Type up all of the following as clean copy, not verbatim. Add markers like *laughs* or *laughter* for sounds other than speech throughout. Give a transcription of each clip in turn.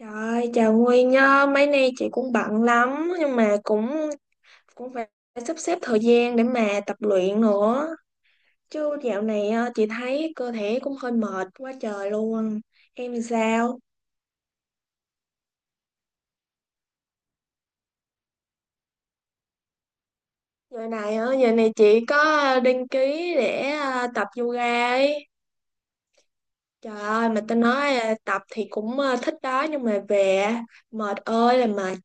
Trời ơi, chào Nguyên nhá, mấy nay chị cũng bận lắm nhưng mà cũng cũng phải sắp xếp thời gian để mà tập luyện nữa. Chứ dạo này chị thấy cơ thể cũng hơi mệt quá trời luôn. Em thì sao? Giờ này giờ này chị có đăng ký để tập yoga ấy. Trời ơi, mà tao nói tập thì cũng thích đó nhưng mà về á, mệt ơi là mệt.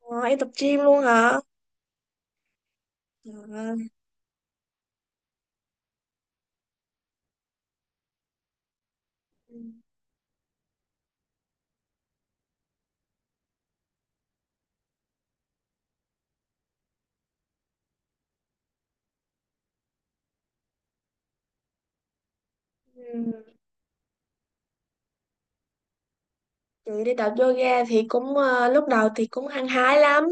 Ờ, em tập gym luôn hả? Trời ơi. Ừ. Ừ, đi tập yoga thì cũng lúc đầu thì cũng hăng hái lắm,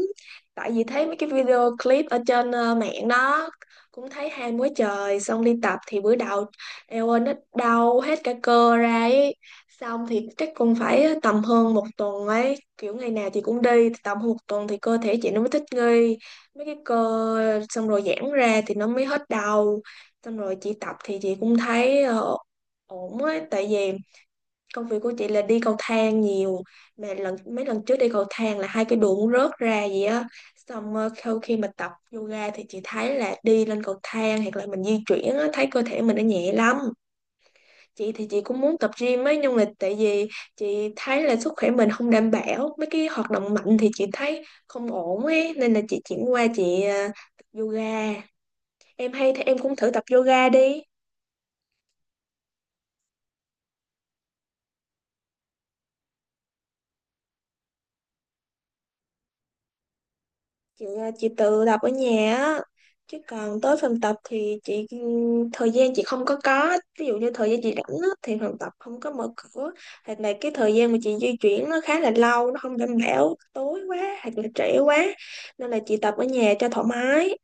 tại vì thấy mấy cái video clip ở trên mạng đó, cũng thấy ham quá trời. Xong đi tập thì bữa đầu eo ơi nó đau hết cả cơ ra ấy. Xong thì chắc cũng phải tầm hơn một tuần ấy, kiểu ngày nào chị cũng đi, thì tầm hơn một tuần thì cơ thể chị nó mới thích nghi mấy cái cơ, xong rồi giãn ra thì nó mới hết đau. Xong rồi chị tập thì chị cũng thấy ổn ấy, tại vì công việc của chị là đi cầu thang nhiều, mà lần mấy lần trước đi cầu thang là hai cái đùi cũng rớt ra gì á. Xong sau khi mà tập yoga thì chị thấy là đi lên cầu thang hoặc là mình di chuyển á, thấy cơ thể mình nó nhẹ lắm. Chị thì chị cũng muốn tập gym ấy, nhưng mà tại vì chị thấy là sức khỏe mình không đảm bảo mấy cái hoạt động mạnh, thì chị thấy không ổn ấy, nên là chị chuyển qua chị tập yoga. Em hay thì em cũng thử tập yoga đi. Chị tự tập ở nhà á, chứ còn tới phòng tập thì chị thời gian chị không có ví dụ như thời gian chị rảnh á, thì phòng tập không có mở cửa, hoặc là cái thời gian mà chị di chuyển nó khá là lâu, nó không đảm bảo, tối quá hoặc là trễ quá, nên là chị tập ở nhà cho thoải mái.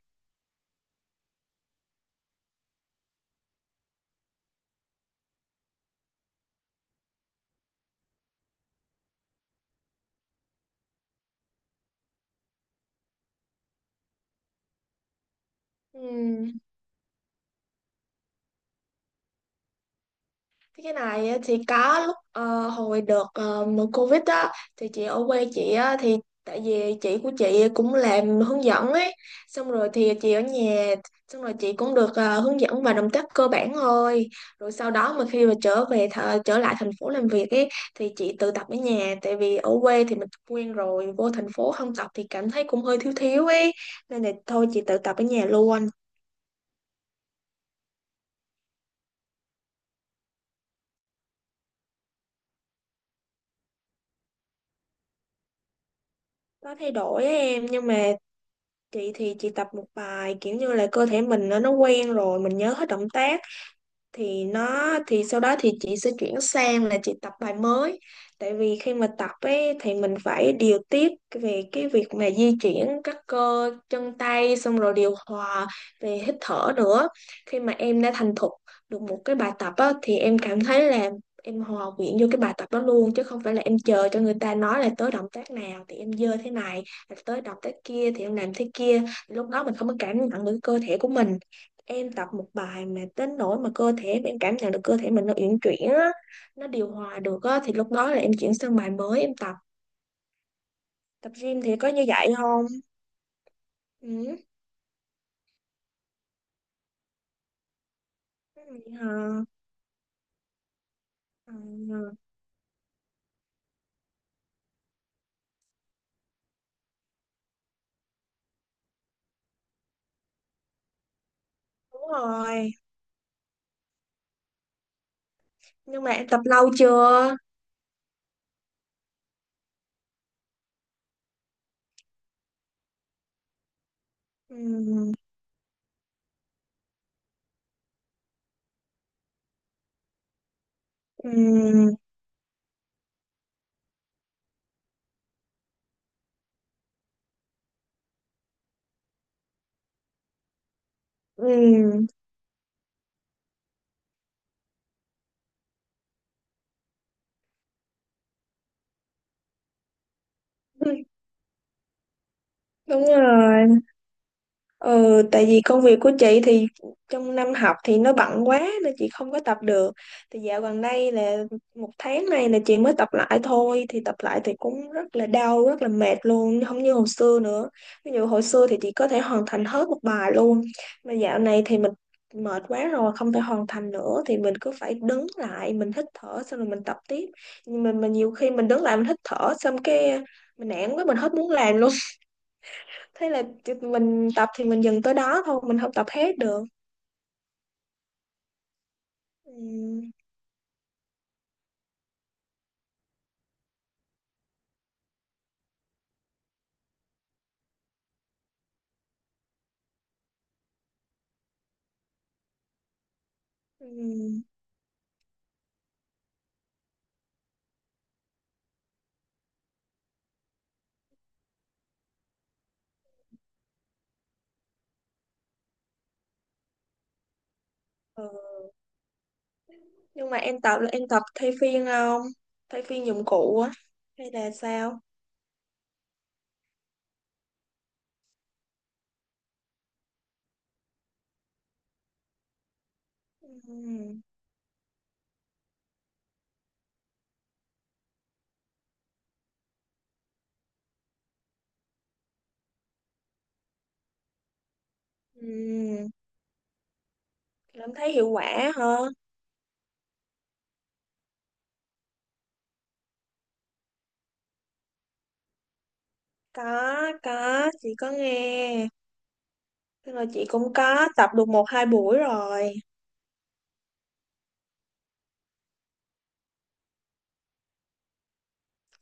Ừ. Cái này á, thì có lúc hồi đợt mùa Covid á, thì chị ở quê chị á, thì tại vì chị của chị cũng làm hướng dẫn ấy, xong rồi thì chị ở nhà, xong rồi chị cũng được hướng dẫn vài động tác cơ bản thôi. Rồi sau đó mà khi mà trở lại thành phố làm việc ấy, thì chị tự tập ở nhà, tại vì ở quê thì mình quen rồi, vô thành phố không tập thì cảm thấy cũng hơi thiếu thiếu ấy, nên là thôi chị tự tập ở nhà luôn. Có thay đổi á em, nhưng mà chị thì chị tập một bài, kiểu như là cơ thể mình nó quen rồi, mình nhớ hết động tác, thì thì sau đó thì chị sẽ chuyển sang là chị tập bài mới. Tại vì khi mà tập ấy thì mình phải điều tiết về cái việc mà di chuyển các cơ chân tay, xong rồi điều hòa về hít thở nữa. Khi mà em đã thành thục được một cái bài tập á, thì em cảm thấy là em hòa quyện vô cái bài tập đó luôn, chứ không phải là em chờ cho người ta nói là tới động tác nào thì em dơ thế này, là tới động tác kia thì em làm thế kia, lúc đó mình không có cảm nhận được cơ thể của mình. Em tập một bài mà đến nỗi mà cơ thể em cảm nhận được cơ thể mình nó uyển chuyển á, nó điều hòa được á, thì lúc đó là em chuyển sang bài mới em tập. Tập gym thì có như vậy không? Ừ. Cái này hả? Ừ, đúng rồi. Nhưng mà em tập lâu chưa? Ừ. Ừ. Ừ. *laughs* Đúng rồi. Ừ, tại vì công việc của chị thì trong năm học thì nó bận quá nên chị không có tập được. Thì dạo gần đây là một tháng nay là chị mới tập lại thôi. Thì tập lại thì cũng rất là đau, rất là mệt luôn, không như hồi xưa nữa. Ví dụ hồi xưa thì chị có thể hoàn thành hết một bài luôn. Mà dạo này thì mình mệt quá rồi, không thể hoàn thành nữa. Thì mình cứ phải đứng lại, mình hít thở xong rồi mình tập tiếp. Nhưng mà nhiều khi mình đứng lại mình hít thở xong cái mình nản quá, mình hết muốn làm luôn, thế là tụi mình tập thì mình dừng tới đó thôi, mình không tập hết được. Ừ. Ừ. Ừ. Nhưng mà em tập là em tập thay phiên không, thay phiên dụng cụ á, hay là sao? Ừ. Ừ. Em thấy hiệu quả hả? có có chị có nghe, tức là chị cũng có tập được một hai buổi rồi.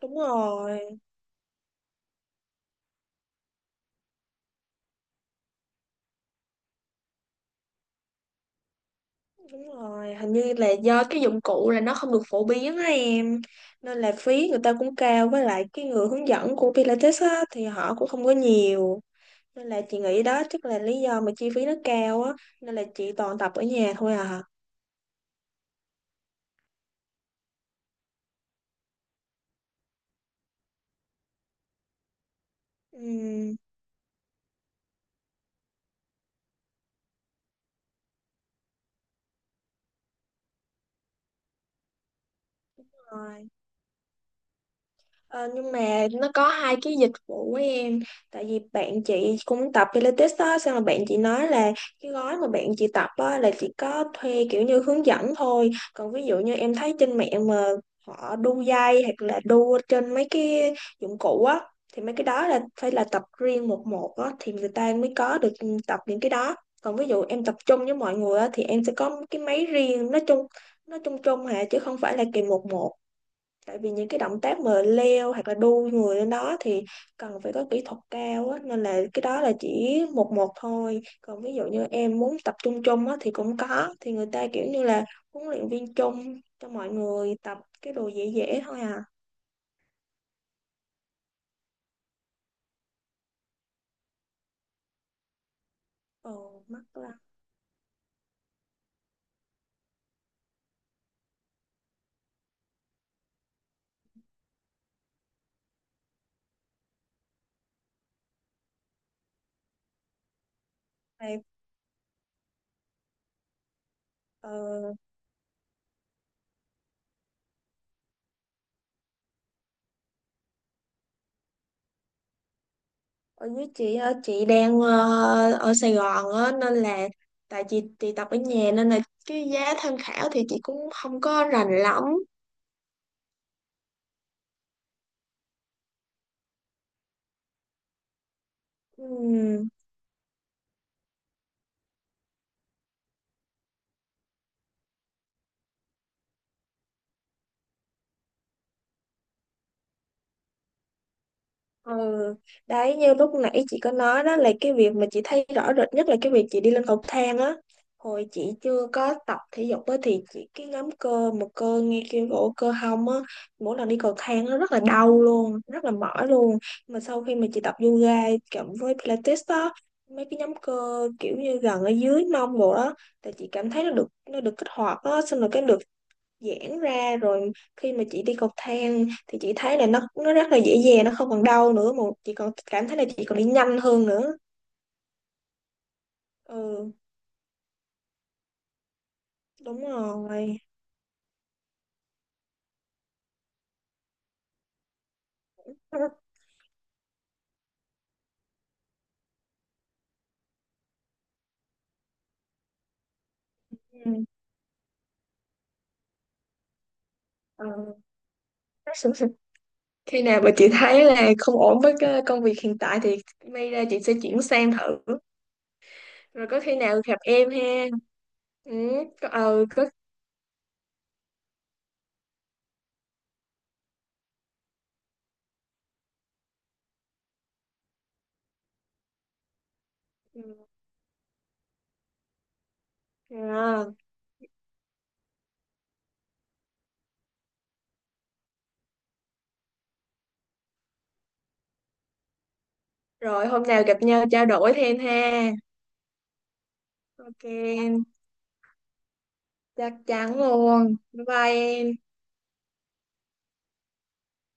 Đúng rồi. Đúng rồi, hình như là do cái dụng cụ là nó không được phổ biến á em. Nên là phí người ta cũng cao. Với lại cái người hướng dẫn của Pilates á, thì họ cũng không có nhiều. Nên là chị nghĩ đó chắc là lý do mà chi phí nó cao á. Nên là chị toàn tập ở nhà thôi à. Ừm. Ờ, nhưng mà nó có hai cái dịch vụ của em, tại vì bạn chị cũng tập Pilates đó, xong rồi bạn chị nói là cái gói mà bạn chị tập á, là chỉ có thuê kiểu như hướng dẫn thôi. Còn ví dụ như em thấy trên mạng mà họ đu dây hoặc là đu trên mấy cái dụng cụ á, thì mấy cái đó là phải là tập riêng một một á, thì người ta mới có được tập những cái đó. Còn ví dụ em tập trung với mọi người á, thì em sẽ có cái máy riêng, nó chung chung hà, chứ không phải là kỳ một một. Tại vì những cái động tác mà leo hoặc là đu người lên đó thì cần phải có kỹ thuật cao á, nên là cái đó là chỉ một một thôi. Còn ví dụ như em muốn tập trung chung á thì cũng có, thì người ta kiểu như là huấn luyện viên chung cho mọi người tập cái đồ dễ dễ thôi à. Ồ mắc lắm. Tại, ờ, Ở dưới chị á, chị đang ở Sài Gòn á, nên là tại chị tập ở nhà, nên là cái giá tham khảo thì chị cũng không có rành lắm. Ừm. Ừ, đấy như lúc nãy chị có nói đó, là cái việc mà chị thấy rõ rệt nhất là cái việc chị đi lên cầu thang á. Hồi chị chưa có tập thể dục á, thì chị cái nhóm cơ một cơ ngay kia cổ cơ hông á, mỗi lần đi cầu thang nó rất là đau luôn, rất là mỏi luôn. Mà sau khi mà chị tập yoga cộng với Pilates đó, mấy cái nhóm cơ kiểu như gần ở dưới mông bộ đó, thì chị cảm thấy nó được kích hoạt á, xong rồi cái được giãn ra, rồi khi mà chị đi cầu thang thì chị thấy là nó rất là dễ dàng, nó không còn đau nữa, mà chị còn cảm thấy là chị còn đi nhanh hơn nữa. Ừ. Đúng rồi. Ừ. Ờ. *laughs* Khi nào mà chị thấy là không ổn với cái công việc hiện tại thì may ra chị sẽ chuyển sang thử. Rồi có khi nào gặp em ha. Ừ, có, ừ có. Ừ. À. Rồi hôm nào gặp nhau trao đổi thêm ha. Ok em. Chắc chắn luôn, bye bye em.